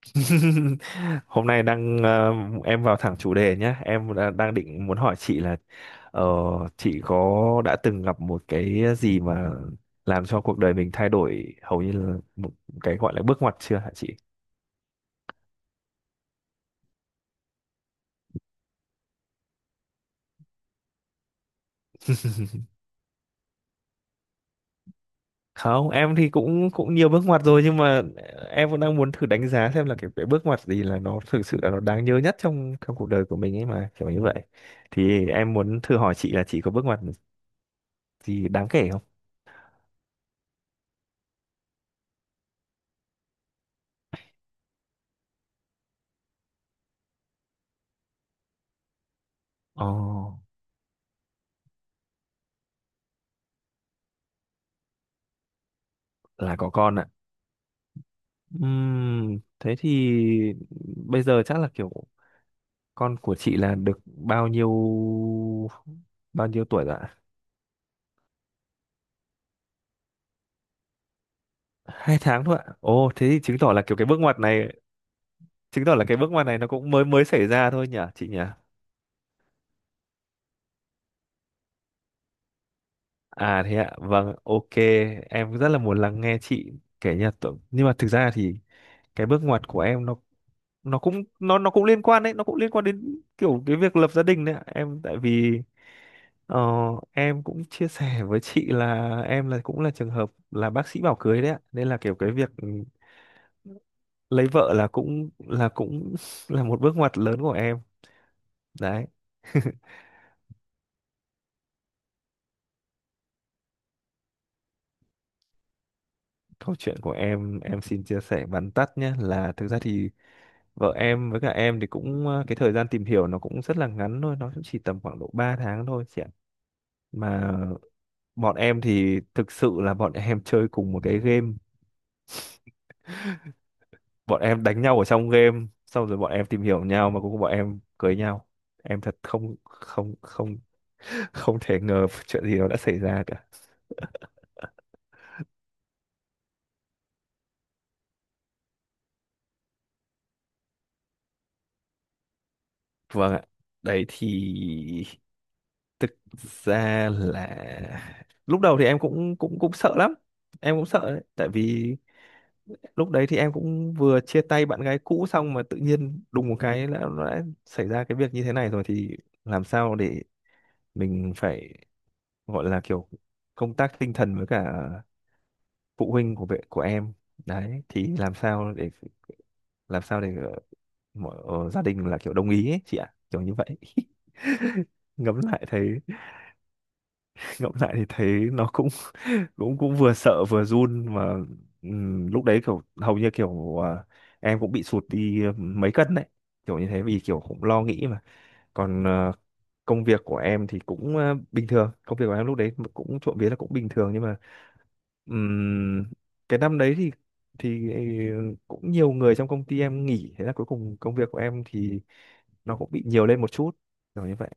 Hôm nay đang em vào thẳng chủ đề nhé. Em đang định muốn hỏi chị là ờ, chị có đã từng gặp một cái gì mà làm cho cuộc đời mình thay đổi hầu như là một cái gọi là bước ngoặt chưa hả chị? Không, em thì cũng cũng nhiều bước ngoặt rồi nhưng mà em vẫn đang muốn thử đánh giá xem là cái bước ngoặt gì là nó thực sự là nó đáng nhớ nhất trong trong cuộc đời của mình ấy mà kiểu như vậy. Thì em muốn thử hỏi chị là chị có bước ngoặt gì đáng kể không? Ồ, là có con ạ. Thế thì bây giờ chắc là kiểu con của chị là được bao nhiêu tuổi rồi ạ? 2 tháng thôi ạ. Ồ, thế thì chứng tỏ là kiểu cái bước ngoặt này chứng tỏ là cái bước ngoặt này nó cũng mới mới xảy ra thôi nhỉ chị nhỉ? À thế ạ, vâng, ok, em rất là muốn lắng nghe chị kể nha. Nhưng mà thực ra thì cái bước ngoặt của em nó cũng nó cũng liên quan đấy, nó cũng liên quan đến kiểu cái việc lập gia đình đấy ạ. Em tại vì ờ, em cũng chia sẻ với chị là em là cũng là trường hợp là bác sĩ bảo cưới đấy ạ, nên là kiểu cái việc lấy vợ là cũng là một bước ngoặt lớn của em đấy. Câu chuyện của em xin chia sẻ vắn tắt nhé, là thực ra thì vợ em với cả em thì cũng cái thời gian tìm hiểu nó cũng rất là ngắn thôi, nó cũng chỉ tầm khoảng độ 3 tháng thôi chị ạ, mà bọn em thì thực sự là bọn em chơi cùng một cái game, bọn em đánh nhau ở trong game xong rồi bọn em tìm hiểu nhau, mà cuối cùng bọn em cưới nhau. Em thật không không không không thể ngờ chuyện gì nó đã xảy ra cả. Vâng ạ. Đấy thì thực ra là lúc đầu thì em cũng cũng cũng sợ lắm, em cũng sợ đấy tại vì lúc đấy thì em cũng vừa chia tay bạn gái cũ xong mà tự nhiên đùng một cái đã xảy ra cái việc như thế này rồi, thì làm sao để mình phải gọi là kiểu công tác tinh thần với cả phụ huynh của em. Đấy thì làm sao để làm sao để ờ, mọi gia đình là kiểu đồng ý ấy, chị ạ, kiểu như vậy. Ngẫm lại thấy ngẫm lại thì thấy nó cũng cũng cũng vừa sợ vừa run mà. Lúc đấy kiểu hầu như kiểu em cũng bị sụt đi mấy cân đấy kiểu như thế, vì kiểu cũng lo nghĩ mà. Còn công việc của em thì cũng bình thường, công việc của em lúc đấy cũng trộm vía là cũng bình thường, nhưng mà Ừm, cái năm đấy thì ờ, cũng nhiều người trong công ty em nghỉ, thế là cuối cùng công việc của em thì nó cũng bị nhiều lên một chút, kiểu như vậy.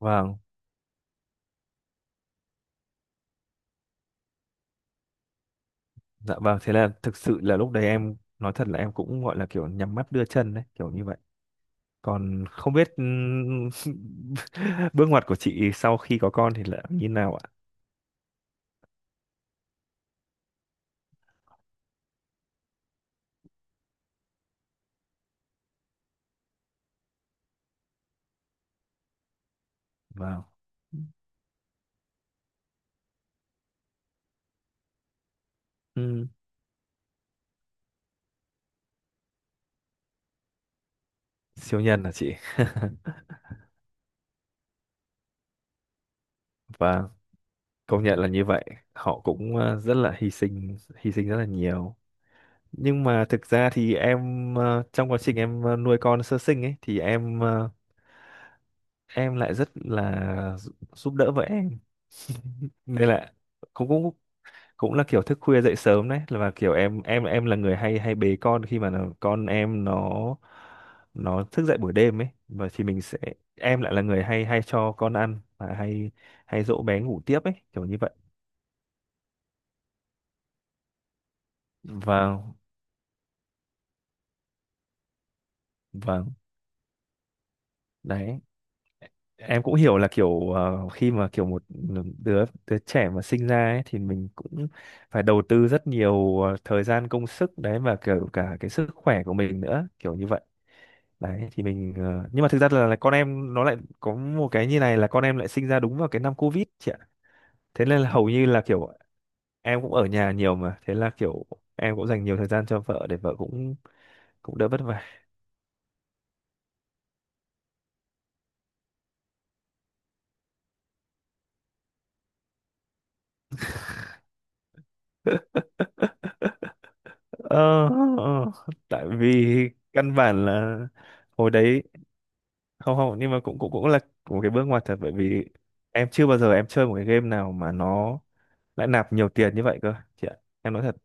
Vâng. Dạ vâng, thế là thực sự là lúc đấy em nói thật là em cũng gọi là kiểu nhắm mắt đưa chân đấy, kiểu như vậy, còn không biết. Bước ngoặt của chị sau khi có con thì là như nào ạ? Vâng. Ừm, Siêu nhân hả chị? Và công nhận là như vậy, họ cũng rất là hy sinh, hy sinh rất là nhiều. Nhưng mà thực ra thì em trong quá trình em nuôi con sơ sinh ấy thì em lại rất là giúp giúp đỡ vợ em, nên là cũng cũng cũng là kiểu thức khuya dậy sớm đấy, là và kiểu em là người hay hay bế con khi mà con em nó thức dậy buổi đêm ấy, và thì mình sẽ, em lại là người hay hay cho con ăn và hay hay dỗ bé ngủ tiếp ấy, kiểu như vậy. Và và đấy, em cũng hiểu là kiểu khi mà kiểu một đứa đứa trẻ mà sinh ra ấy, thì mình cũng phải đầu tư rất nhiều thời gian công sức đấy, và kiểu cả cái sức khỏe của mình nữa, kiểu như vậy. Đấy thì mình nhưng mà thực ra là con em nó lại có một cái như này, là con em lại sinh ra đúng vào cái năm Covid chị ạ, thế nên là hầu như là kiểu em cũng ở nhà nhiều, mà thế là kiểu em cũng dành nhiều thời gian cho vợ để vợ cũng cũng đỡ vất vả. ờ, ờ, Tại vì căn bản là hồi đấy. Không, không, nhưng mà cũng cũng cũng là một cái bước ngoặt thật, bởi vì em chưa bao giờ em chơi một cái game nào mà nó lại nạp nhiều tiền như vậy cơ chị ạ, em nói thật.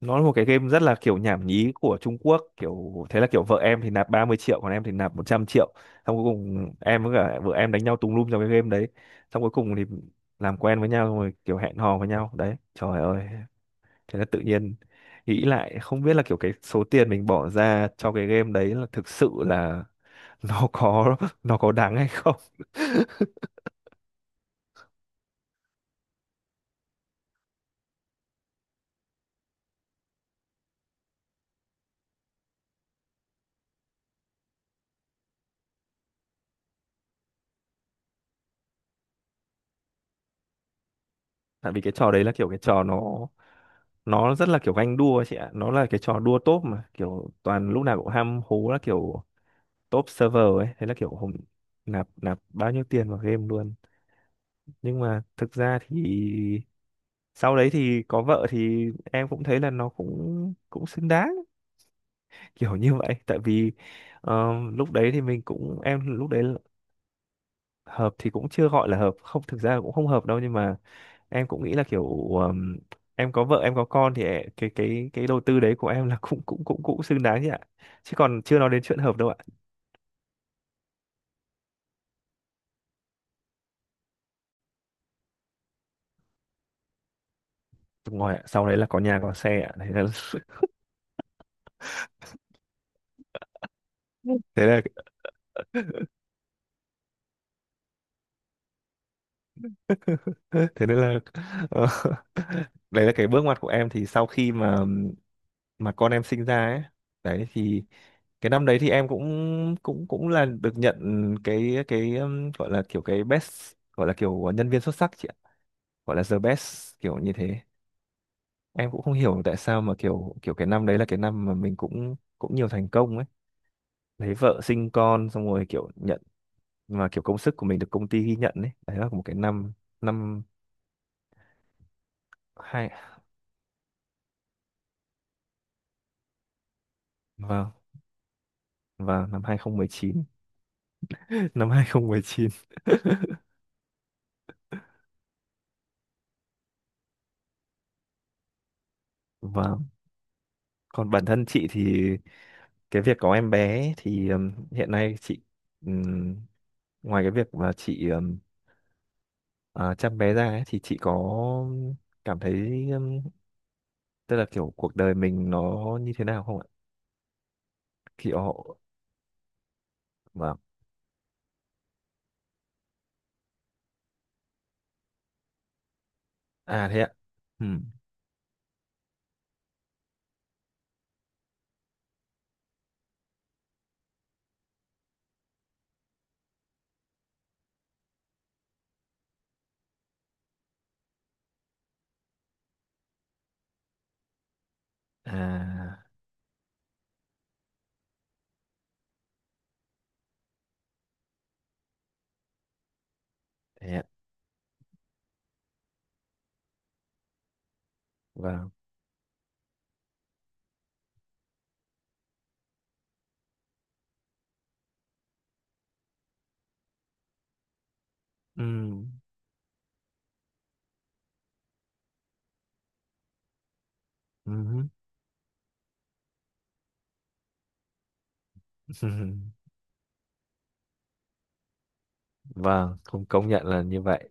Nó là một cái game rất là kiểu nhảm nhí của Trung Quốc, kiểu thế là kiểu vợ em thì nạp 30 triệu, còn em thì nạp 100 triệu, xong cuối cùng em với cả vợ em đánh nhau tùng lum trong cái game đấy, xong cuối cùng thì làm quen với nhau xong rồi kiểu hẹn hò với nhau đấy, trời ơi. Thế là tự nhiên nghĩ lại không biết là kiểu cái số tiền mình bỏ ra cho cái game đấy là thực sự là nó có, nó có đáng hay không. Tại vì cái trò đấy là kiểu cái trò nó rất là kiểu ganh đua ấy chị ạ, nó là cái trò đua top mà kiểu toàn lúc nào cũng ham hố là kiểu top server ấy, thế là kiểu hùng nạp nạp bao nhiêu tiền vào game luôn. Nhưng mà thực ra thì sau đấy thì có vợ thì em cũng thấy là nó cũng cũng xứng đáng kiểu như vậy, tại vì lúc đấy thì mình cũng, em lúc đấy là-. Hợp thì cũng chưa gọi là hợp, không, thực ra là cũng không hợp đâu, nhưng mà em cũng nghĩ là kiểu em có vợ em có con thì cái đầu tư đấy của em là cũng cũng cũng cũng xứng đáng chứ ạ, chứ còn chưa nói đến chuyện hợp đâu ạ. Đúng rồi ạ, sau đấy là có nhà có xe ạ, thế là thế là thế nên là ờ, đấy là cái bước ngoặt của em, thì sau khi mà con em sinh ra ấy, đấy thì cái năm đấy thì em cũng cũng cũng là được nhận cái gọi là kiểu cái best, gọi là kiểu nhân viên xuất sắc chị ạ, gọi là the best kiểu như thế. Em cũng không hiểu tại sao mà kiểu kiểu cái năm đấy là cái năm mà mình cũng cũng nhiều thành công ấy, lấy vợ sinh con xong rồi kiểu nhận, mà kiểu công sức của mình được công ty ghi nhận ấy, đấy là một cái năm. Năm hai. Vâng. Và năm 2019. Năm 2019. Và còn bản thân chị thì cái việc có em bé ấy, thì hiện nay chị, ừm, ngoài cái việc mà chị chăm bé ra ấy, thì chị có cảm thấy ừm, tức là kiểu cuộc đời mình nó như thế nào không ạ? Kiểu. Vâng. À thế ạ. Ừ. À thế ạ. Vâng. Ừ. Ừ. Vâng, không, công nhận là như vậy.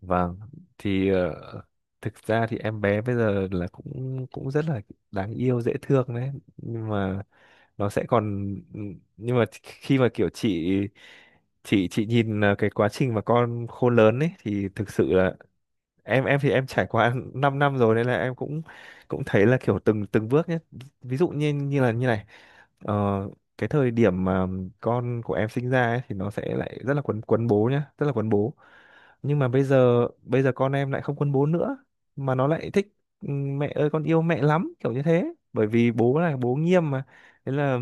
Vâng thì thực ra thì em bé bây giờ là cũng cũng rất là đáng yêu dễ thương đấy, nhưng mà nó sẽ còn nhưng mà khi mà kiểu chị chị nhìn cái quá trình mà con khôn lớn ấy thì thực sự là em thì em trải qua 5 năm rồi, nên là em cũng cũng thấy là kiểu từng từng bước nhé, ví dụ như như là như này ờ, cái thời điểm mà con của em sinh ra ấy, thì nó sẽ lại rất là quấn quấn bố nhá, rất là quấn bố, nhưng mà bây giờ con em lại không quấn bố nữa, mà nó lại thích "Ừ, mẹ ơi con yêu mẹ lắm", kiểu như thế, bởi vì bố là bố nghiêm mà, thế là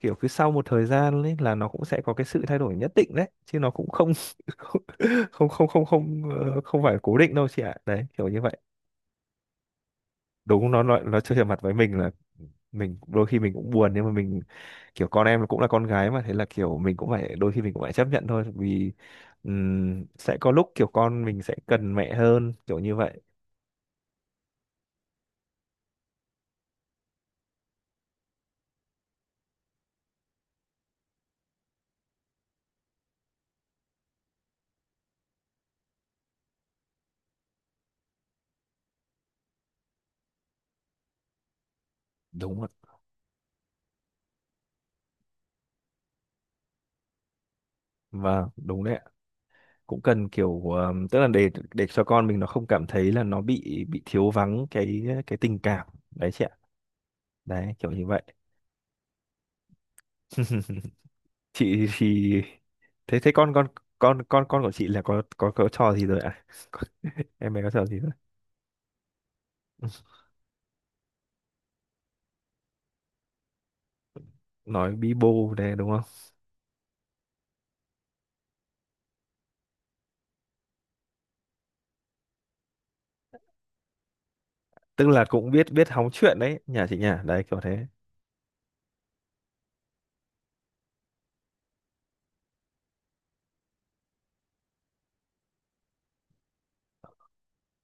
kiểu cứ sau một thời gian ấy là nó cũng sẽ có cái sự thay đổi nhất định đấy, chứ nó cũng không. không không không không không, ờ, Không phải cố định đâu chị ạ, đấy kiểu như vậy. Đúng, nó chơi mặt với mình là mình đôi khi mình cũng buồn, nhưng mà mình kiểu con em cũng là con gái mà, thế là kiểu mình cũng phải, đôi khi mình cũng phải chấp nhận thôi vì sẽ có lúc kiểu con mình sẽ cần mẹ hơn, kiểu như vậy. Đúng rồi. Vâng đúng đấy ạ, cũng cần kiểu tức là để cho con mình nó không cảm thấy là nó bị thiếu vắng cái tình cảm đấy chị ạ, đấy kiểu như vậy. Chị thì, thế thế con của chị là có trò gì rồi ạ? Em bé có trò gì rồi? Nói bi bô này đúng không? Tức là cũng biết biết hóng chuyện đấy, nhà chị nhà đấy kiểu thế.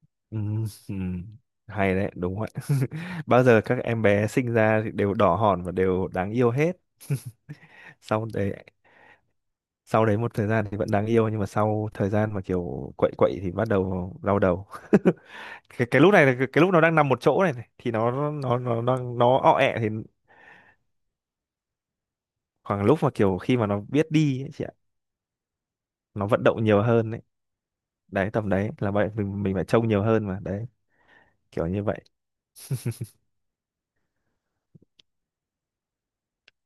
Ừm. Hay đấy, đúng vậy. Bao giờ các em bé sinh ra thì đều đỏ hòn và đều đáng yêu hết. Xong đấy, sau đấy một thời gian thì vẫn đáng yêu, nhưng mà sau thời gian mà kiểu quậy quậy thì bắt đầu đau đầu. Cái lúc này là cái lúc nó đang nằm một chỗ này, này thì nó ọ ẹ thì, khoảng lúc mà kiểu khi mà nó biết đi ấy, chị ạ, nó vận động nhiều hơn đấy, đấy tầm đấy là vậy, mình phải trông nhiều hơn mà đấy, kiểu như vậy.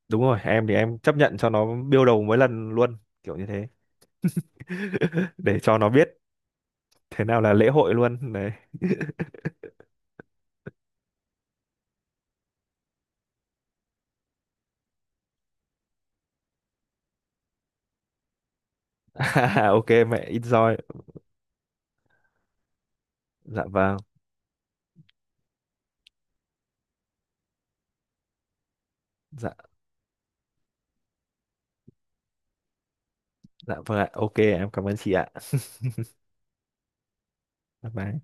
Đúng rồi, em thì em chấp nhận cho nó biêu đầu mỗi lần luôn, kiểu như thế. Để cho nó biết thế nào là lễ hội luôn đấy. À, ok, mẹ enjoy. Dạ vâng. Dạ, dạ vâng ạ, ok em cảm ơn chị ạ. Bye bye.